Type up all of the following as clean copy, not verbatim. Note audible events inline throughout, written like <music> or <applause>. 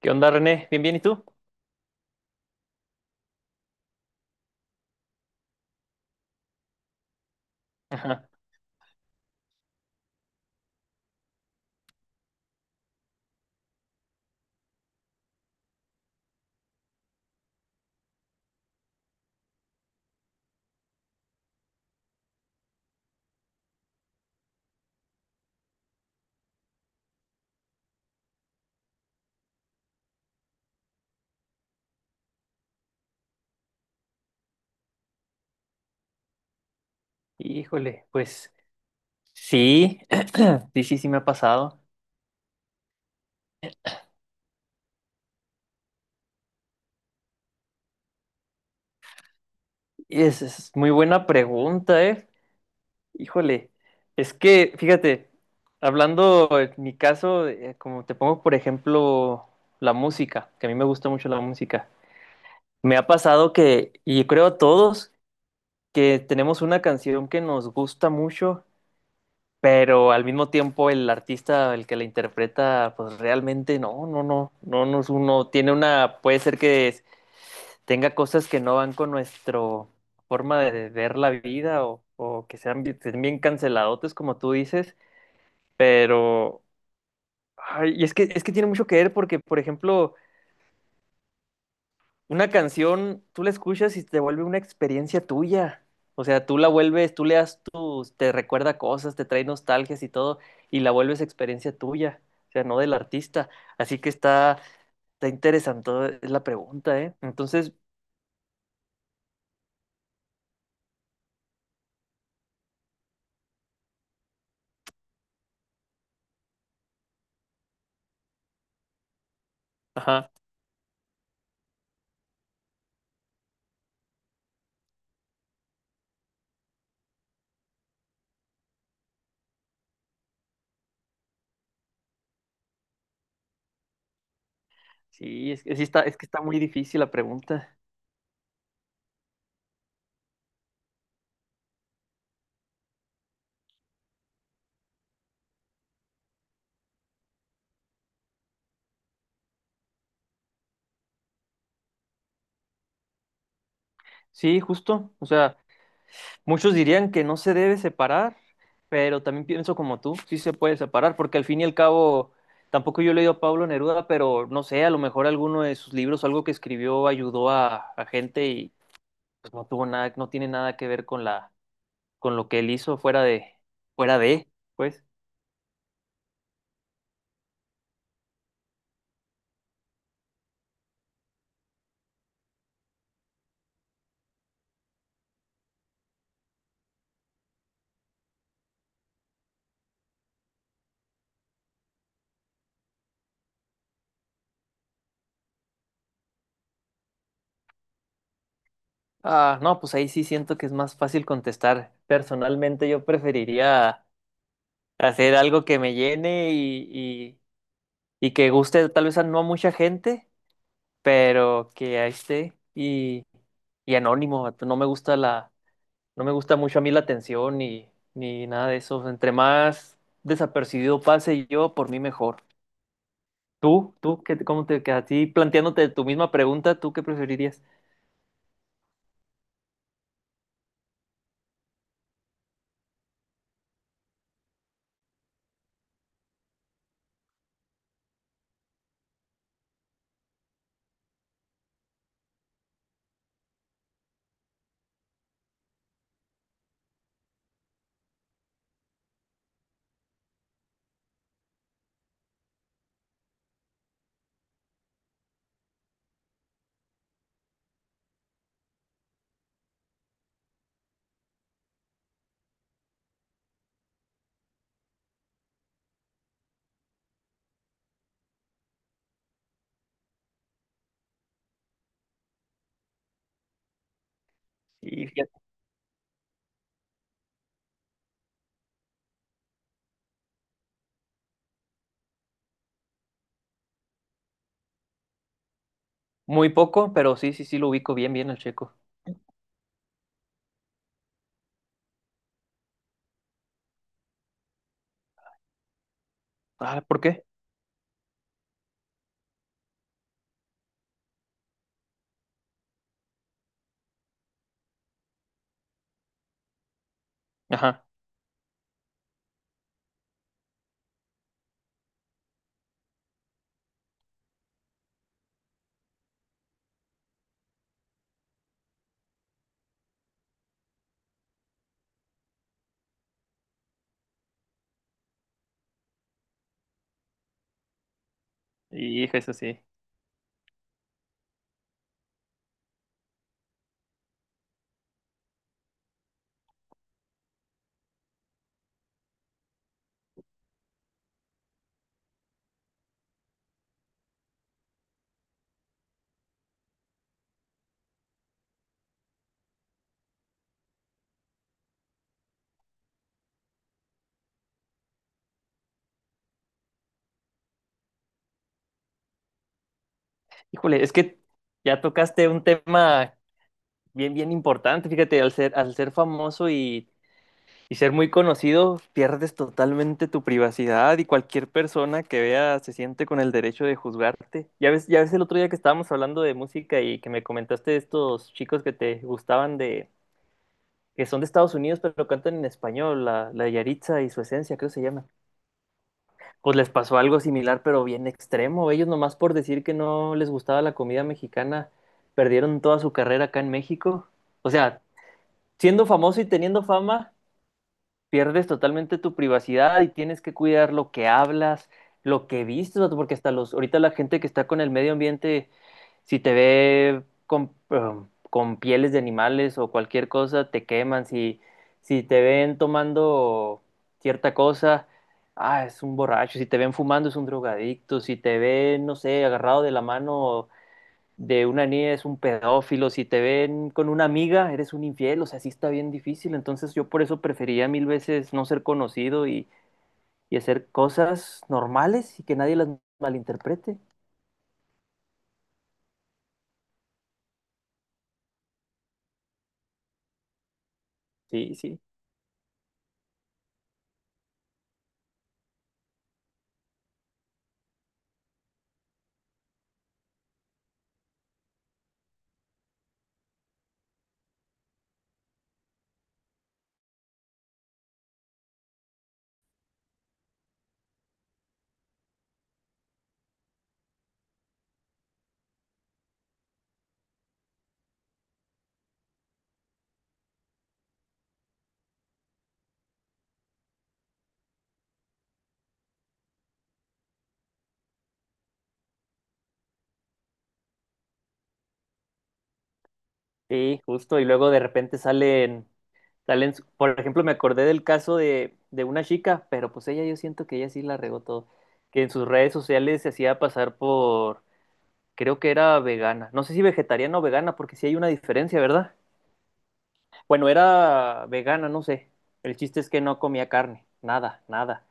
¿Qué onda, René? ¿Bien, bien? ¿Y tú? Ajá. Híjole, pues sí, <clears throat> sí, sí, sí me ha pasado. Y es muy buena pregunta, ¿eh? Híjole, es que, fíjate, hablando en mi caso, como te pongo, por ejemplo, la música, que a mí me gusta mucho la música. Me ha pasado que, y creo a todos, que tenemos una canción que nos gusta mucho, pero al mismo tiempo el artista, el que la interpreta, pues realmente no es uno, tiene una, puede ser tenga cosas que no van con nuestro forma de ver la vida o que sean, estén bien canceladotes como tú dices, pero, ay, y es que tiene mucho que ver porque, por ejemplo, una canción, tú la escuchas y te vuelve una experiencia tuya. O sea, tú le das tus, te recuerda cosas, te trae nostalgias y todo, y la vuelves experiencia tuya, o sea, no del artista. Así está interesante es la pregunta, ¿eh? Entonces, ajá, sí, que sí está, es que está muy difícil la pregunta. Sí, justo, o sea, muchos dirían que no se debe separar, pero también pienso como tú, sí se puede separar, porque al fin y al cabo, tampoco yo he leído a Pablo Neruda, pero no sé, a lo mejor alguno de sus libros, algo que escribió, ayudó a gente y pues no tuvo nada, no tiene nada que ver con la, con lo que él hizo fuera de, pues. Ah, no, pues ahí sí siento que es más fácil contestar. Personalmente yo preferiría hacer algo que me llene y que guste tal vez a no a mucha gente, pero que ahí esté y anónimo, vato. No me gusta la, no me gusta mucho a mí la atención ni, ni nada de eso. Entre más desapercibido pase yo, por mí mejor. Tú, ¿qué, cómo te quedas? A ti, planteándote tu misma pregunta, ¿tú qué preferirías? Y fíjate, muy poco, pero sí, sí, sí, lo ubico bien, bien al checo. Ah, ¿por qué? Ajá, hijo, eso sí. Híjole, es que ya tocaste un tema bien, bien importante, fíjate, al ser famoso y ser muy conocido, pierdes totalmente tu privacidad y cualquier persona que vea se siente con el derecho de juzgarte. Ya ves el otro día que estábamos hablando de música y que me comentaste de estos chicos que te gustaban de, que son de Estados Unidos pero cantan en español, la Yaritza y su esencia, creo que se llama. Pues les pasó algo similar pero bien extremo. Ellos nomás por decir que no les gustaba la comida mexicana, perdieron toda su carrera acá en México. O sea, siendo famoso y teniendo fama pierdes totalmente tu privacidad y tienes que cuidar lo que hablas, lo que vistes, vato, porque hasta los, ahorita la gente que está con el medio ambiente, si te ve con pieles de animales o cualquier cosa, te queman, si te ven tomando cierta cosa, ah, es un borracho, si te ven fumando es un drogadicto, si te ven, no sé, agarrado de la mano de una niña es un pedófilo, si te ven con una amiga, eres un infiel, o sea, sí está bien difícil. Entonces yo por eso prefería mil veces no ser conocido y hacer cosas normales y que nadie las malinterprete. Sí, sí, sí, justo. Y luego de repente salen, por ejemplo, me acordé del caso de una chica, pero pues ella yo siento que ella sí la regó todo, que en sus redes sociales se hacía pasar por, creo que era vegana. No sé si vegetariana o vegana, porque sí hay una diferencia, ¿verdad? Bueno, era vegana, no sé. El chiste es que no comía carne, nada, nada.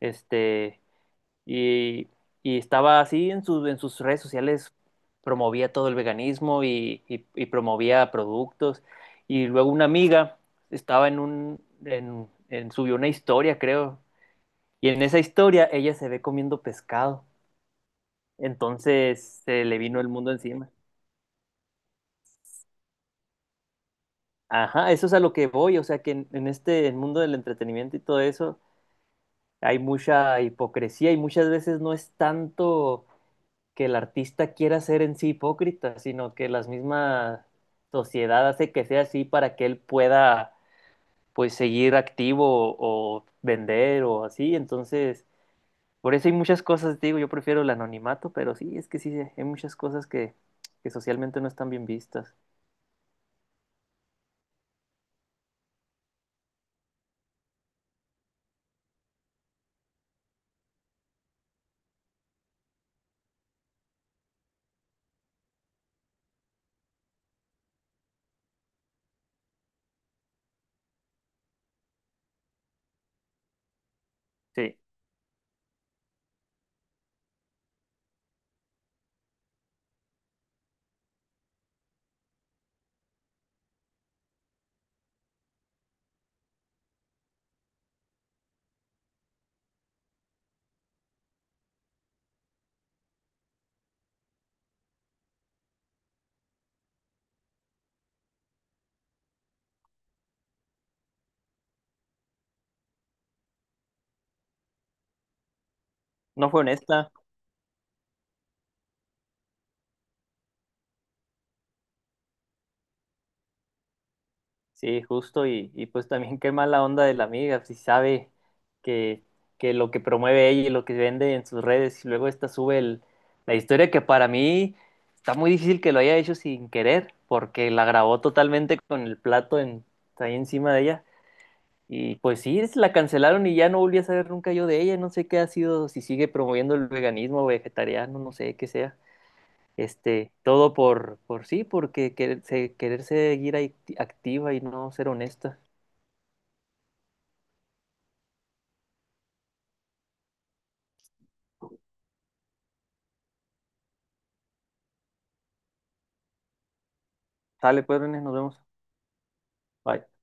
Este, y, y estaba así sus en sus redes sociales, promovía todo el veganismo y, y promovía productos. Y luego una amiga estaba en un, en- subió una historia, creo. Y en esa historia ella se ve comiendo pescado. Entonces se le vino el mundo encima. Ajá, eso es a lo que voy, o sea que en este el mundo del entretenimiento y todo eso hay mucha hipocresía y muchas veces no es tanto que el artista quiera ser en sí hipócrita, sino que la misma sociedad hace que sea así para que él pueda pues seguir activo o vender o así. Entonces, por eso hay muchas cosas, te digo, yo prefiero el anonimato, pero sí, es que sí, hay muchas cosas que socialmente no están bien vistas. Sí, no fue honesta. Sí, justo, y pues también qué mala onda de la amiga, si sabe que, que lo que promueve ella y lo que vende en sus redes, y luego esta sube la historia que para mí está muy difícil que lo haya hecho sin querer, porque la grabó totalmente con el plato en, ahí encima de ella, y pues sí, la cancelaron y ya no volví a saber nunca yo de ella, no sé qué ha sido, si sigue promoviendo el veganismo o vegetariano, no sé qué sea. Este, todo por sí, porque querer seguir ahí activa y no ser honesta. Sale, pues, René, nos vemos. Bye.